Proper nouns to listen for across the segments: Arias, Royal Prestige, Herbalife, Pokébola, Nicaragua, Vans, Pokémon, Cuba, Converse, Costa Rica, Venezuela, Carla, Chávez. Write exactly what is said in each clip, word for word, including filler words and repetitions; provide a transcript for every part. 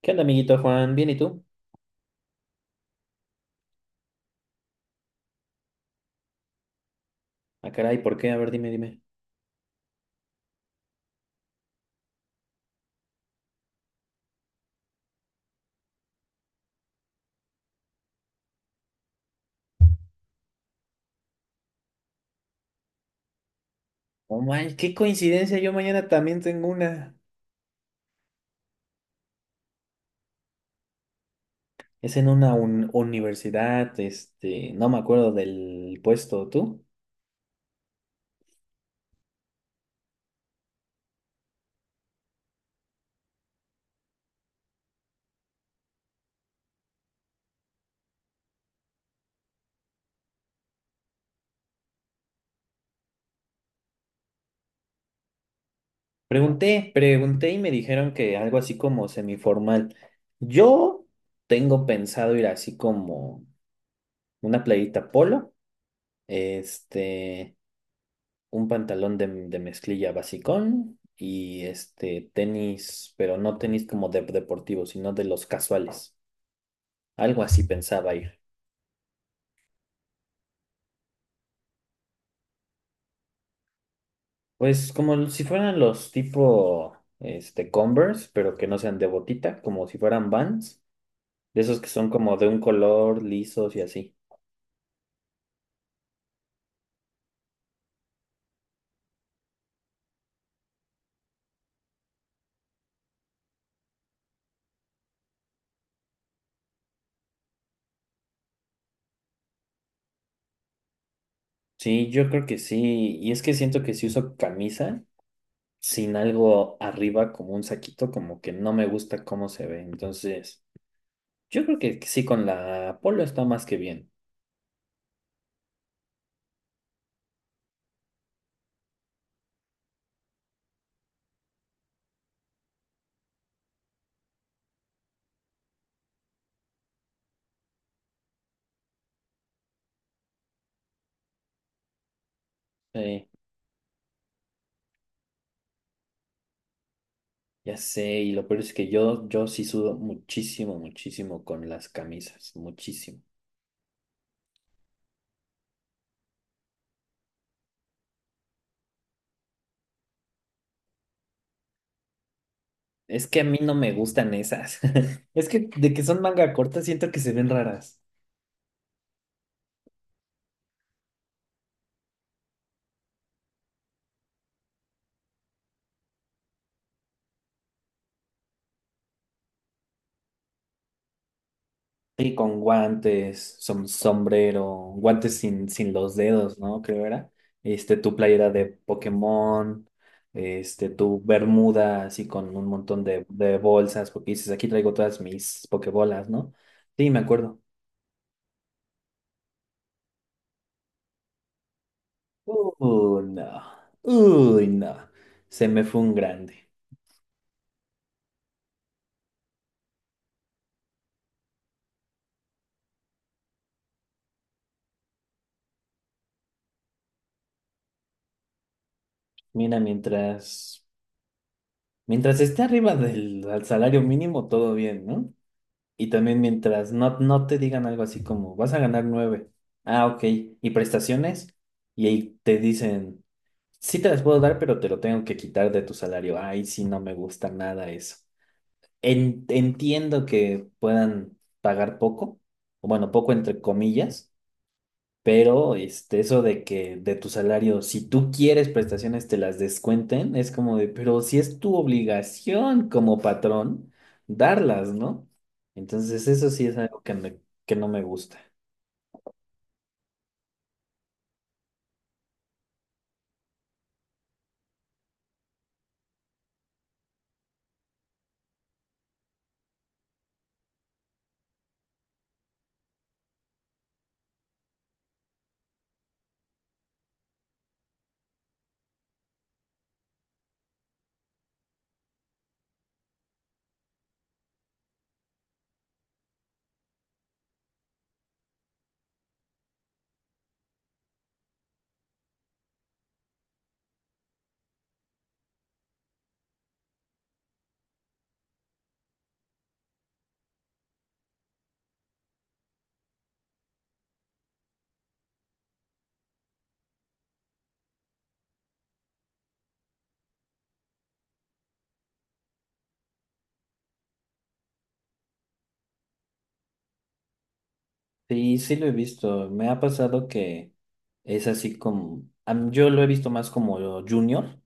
¿Qué onda, amiguito Juan? ¿Bien y tú? Ah, caray, ¿por qué? A ver, dime, dime. Oh, man, qué coincidencia, yo mañana también tengo una. Es en una un- universidad, este, no me acuerdo del puesto, ¿tú? Pregunté, pregunté y me dijeron que algo así como semiformal. Yo tengo pensado ir así como una playita polo, este, un pantalón de, de mezclilla basicón y este tenis, pero no tenis como de deportivos, sino de los casuales. Algo así pensaba ir. Pues como si fueran los tipo este Converse, pero que no sean de botita, como si fueran Vans, de esos que son como de un color, lisos y así. Sí, yo creo que sí. Y es que siento que si uso camisa sin algo arriba, como un saquito, como que no me gusta cómo se ve. Entonces, yo creo que sí con la polo está más que bien. Sí, ya sé. Y lo peor es que yo, yo sí sudo muchísimo, muchísimo con las camisas. Muchísimo. Es que a mí no me gustan esas. Es que de que son manga corta siento que se ven raras. Sí, con guantes, som- sombrero, guantes sin, sin los dedos, ¿no? Creo era. Este, tu playera de Pokémon, este, tu bermuda así con un montón de, de bolsas, porque dices, aquí traigo todas mis Pokébolas, ¿no? Sí, me acuerdo. Uy, no. Uy, no. Se me fue un grande. Mira, mientras. Mientras esté arriba del al salario mínimo, todo bien, ¿no? Y también mientras no, no te digan algo así como, vas a ganar nueve. Ah, ok. ¿Y prestaciones? Y ahí te dicen, sí te las puedo dar, pero te lo tengo que quitar de tu salario. Ay, sí, no me gusta nada eso. En- entiendo que puedan pagar poco, o bueno, poco entre comillas, pero este, eso de que de tu salario, si tú quieres prestaciones, te las descuenten, es como de, pero si es tu obligación como patrón, darlas, ¿no? Entonces, eso sí es algo que, me- que no me gusta. Sí, sí lo he visto. Me ha pasado que es así como, a yo lo he visto más como junior,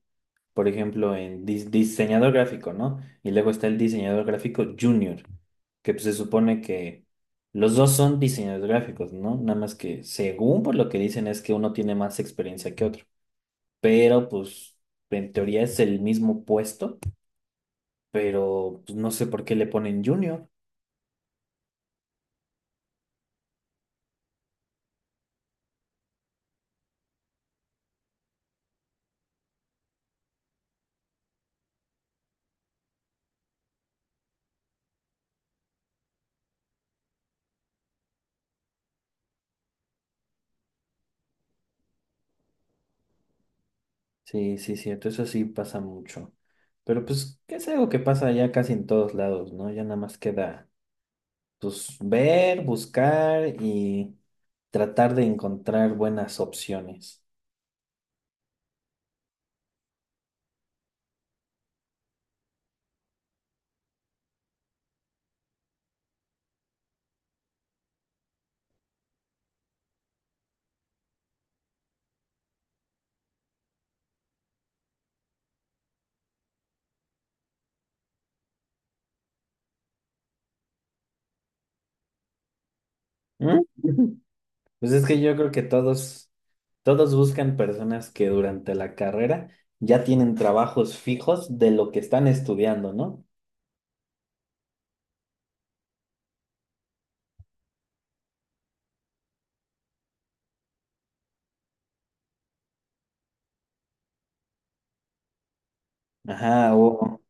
por ejemplo, en dis- diseñador gráfico, ¿no? Y luego está el diseñador gráfico junior, que pues, se supone que los dos son diseñadores gráficos, ¿no? Nada más que según por lo que dicen es que uno tiene más experiencia que otro, pero pues en teoría es el mismo puesto, pero pues, no sé por qué le ponen junior. Sí, sí, cierto, eso sí pasa mucho. Pero pues que es algo que pasa ya casi en todos lados, ¿no? Ya nada más queda pues ver, buscar y tratar de encontrar buenas opciones. ¿Mm? Pues es que yo creo que todos, todos buscan personas que durante la carrera ya tienen trabajos fijos de lo que están estudiando, ¿no? Ajá, o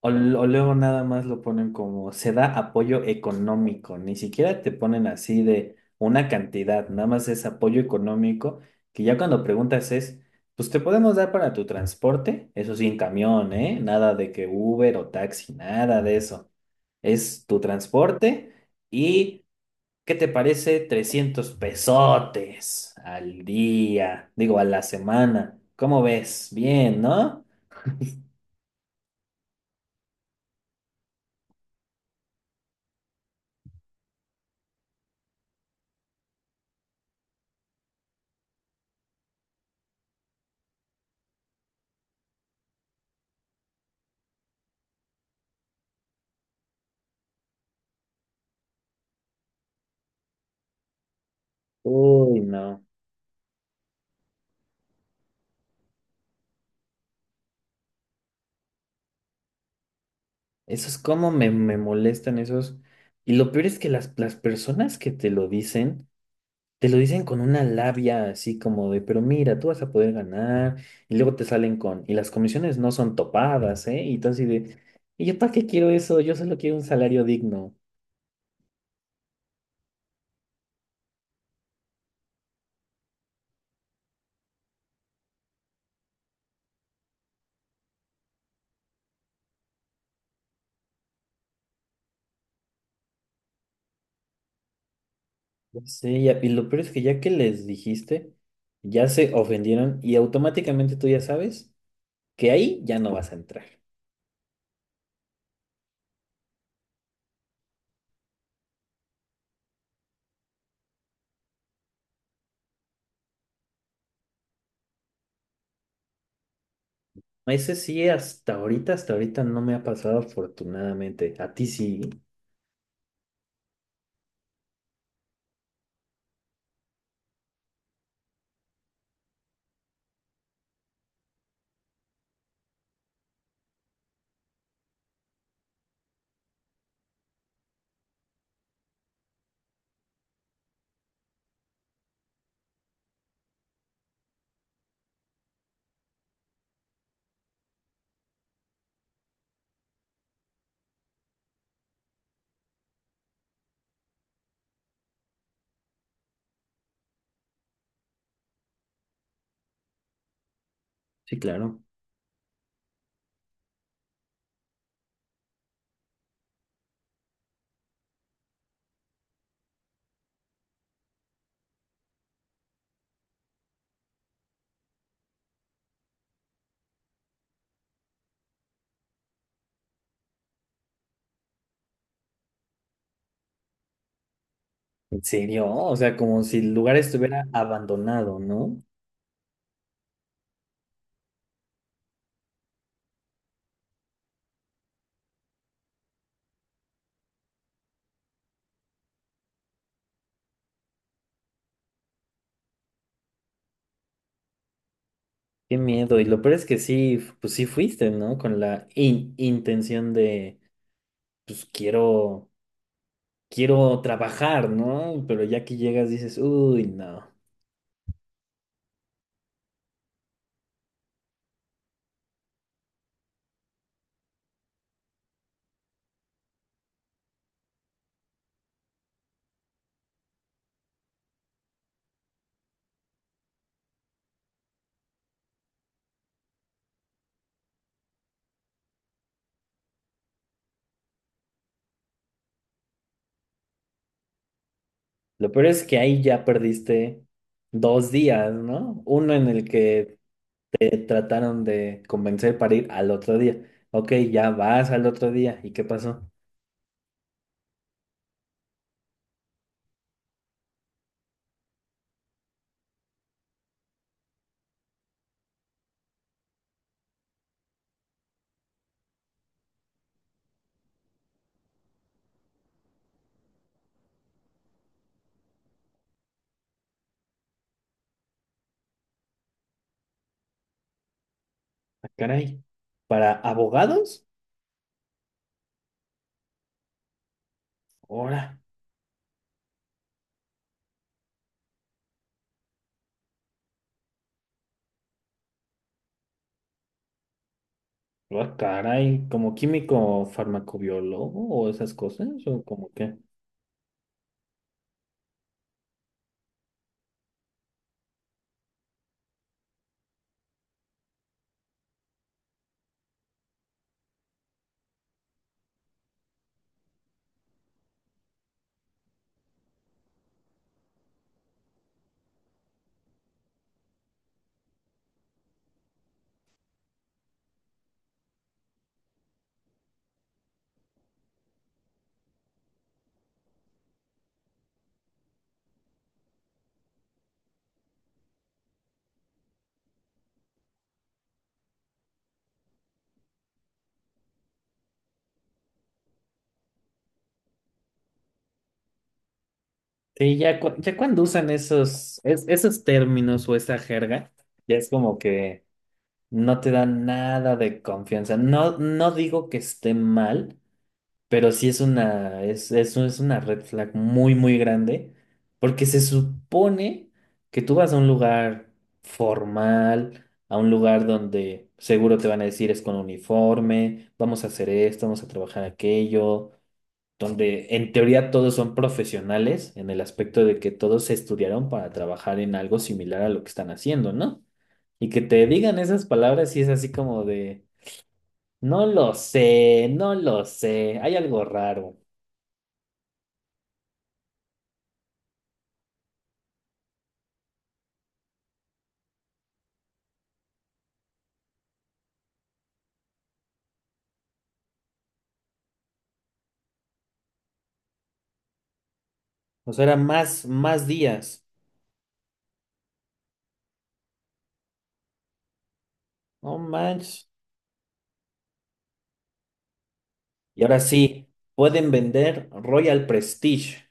O, l- o luego nada más lo ponen como se da apoyo económico, ni siquiera te ponen así de una cantidad, nada más es apoyo económico, que ya cuando preguntas es, pues te podemos dar para tu transporte, eso sí, en camión, ¿eh? Nada de que Uber o taxi, nada de eso. Es tu transporte y, ¿qué te parece? Trescientos pesotes al día, digo, a la semana. ¿Cómo ves? Bien, ¿no? Uy, no. Esos cómo me, me molestan esos. Y lo peor es que las, las personas que te lo dicen, te lo dicen con una labia así como de, pero mira, tú vas a poder ganar. Y luego te salen con, y las comisiones no son topadas, ¿eh? Y entonces de, ¿y yo para qué quiero eso? Yo solo quiero un salario digno. Sí, ya- y lo peor es que ya que les dijiste, ya se ofendieron y automáticamente tú ya sabes que ahí ya no vas a entrar. Ese sí, hasta ahorita, hasta ahorita no me ha pasado afortunadamente. A ti sí. Sí, claro. ¿En serio? O sea, como si el lugar estuviera abandonado, ¿no? Qué miedo. Y lo peor es que sí, f- pues sí fuiste, ¿no? Con la in- intención de, pues quiero, quiero trabajar, ¿no? Pero ya que llegas dices, uy, no. Lo peor es que ahí ya perdiste dos días, ¿no? Uno en el que te trataron de convencer para ir al otro día. Ok, ya vas al otro día. ¿Y qué pasó? Ah, caray. ¿Para abogados? Ahora. Ah, caray, ¿como químico farmacobiólogo o esas cosas? ¿O como qué? Sí, ya, cu- ya cuando usan esos, es- esos términos o esa jerga, ya es como que no te dan nada de confianza. No, no digo que esté mal, pero sí es una, es, es, es una red flag muy, muy grande, porque se supone que tú vas a un lugar formal, a un lugar donde seguro te van a decir es con uniforme, vamos a hacer esto, vamos a trabajar aquello, donde en teoría todos son profesionales en el aspecto de que todos se estudiaron para trabajar en algo similar a lo que están haciendo, ¿no? Y que te digan esas palabras y es así como de, no lo sé, no lo sé, hay algo raro. O sea, eran más, más días. No manches. Y ahora sí, pueden vender Royal Prestige.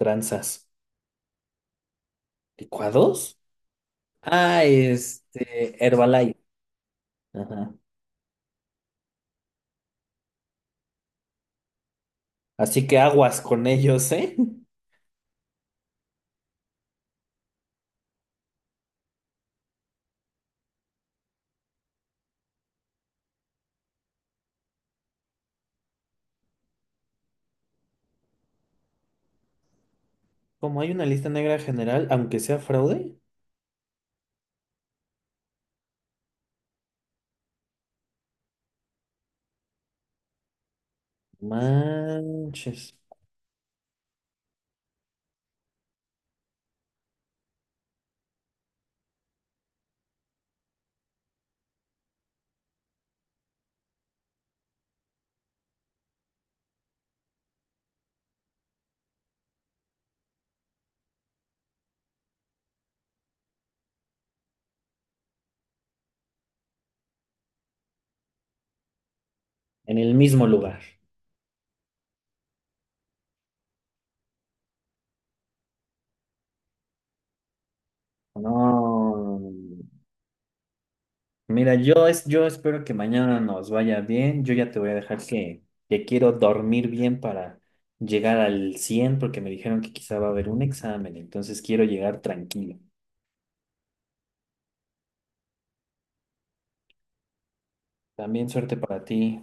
Tranzas. ¿Licuados? Ah, este, Herbalife. Ajá. Así que aguas con ellos, ¿eh? Como hay una lista negra general, aunque sea fraude. Manches. En el mismo lugar. No. Mira, yo, es, yo espero que mañana nos vaya bien. Yo ya te voy a dejar que, que quiero dormir bien para llegar al cien, porque me dijeron que quizá va a haber un examen, entonces quiero llegar tranquilo. También suerte para ti.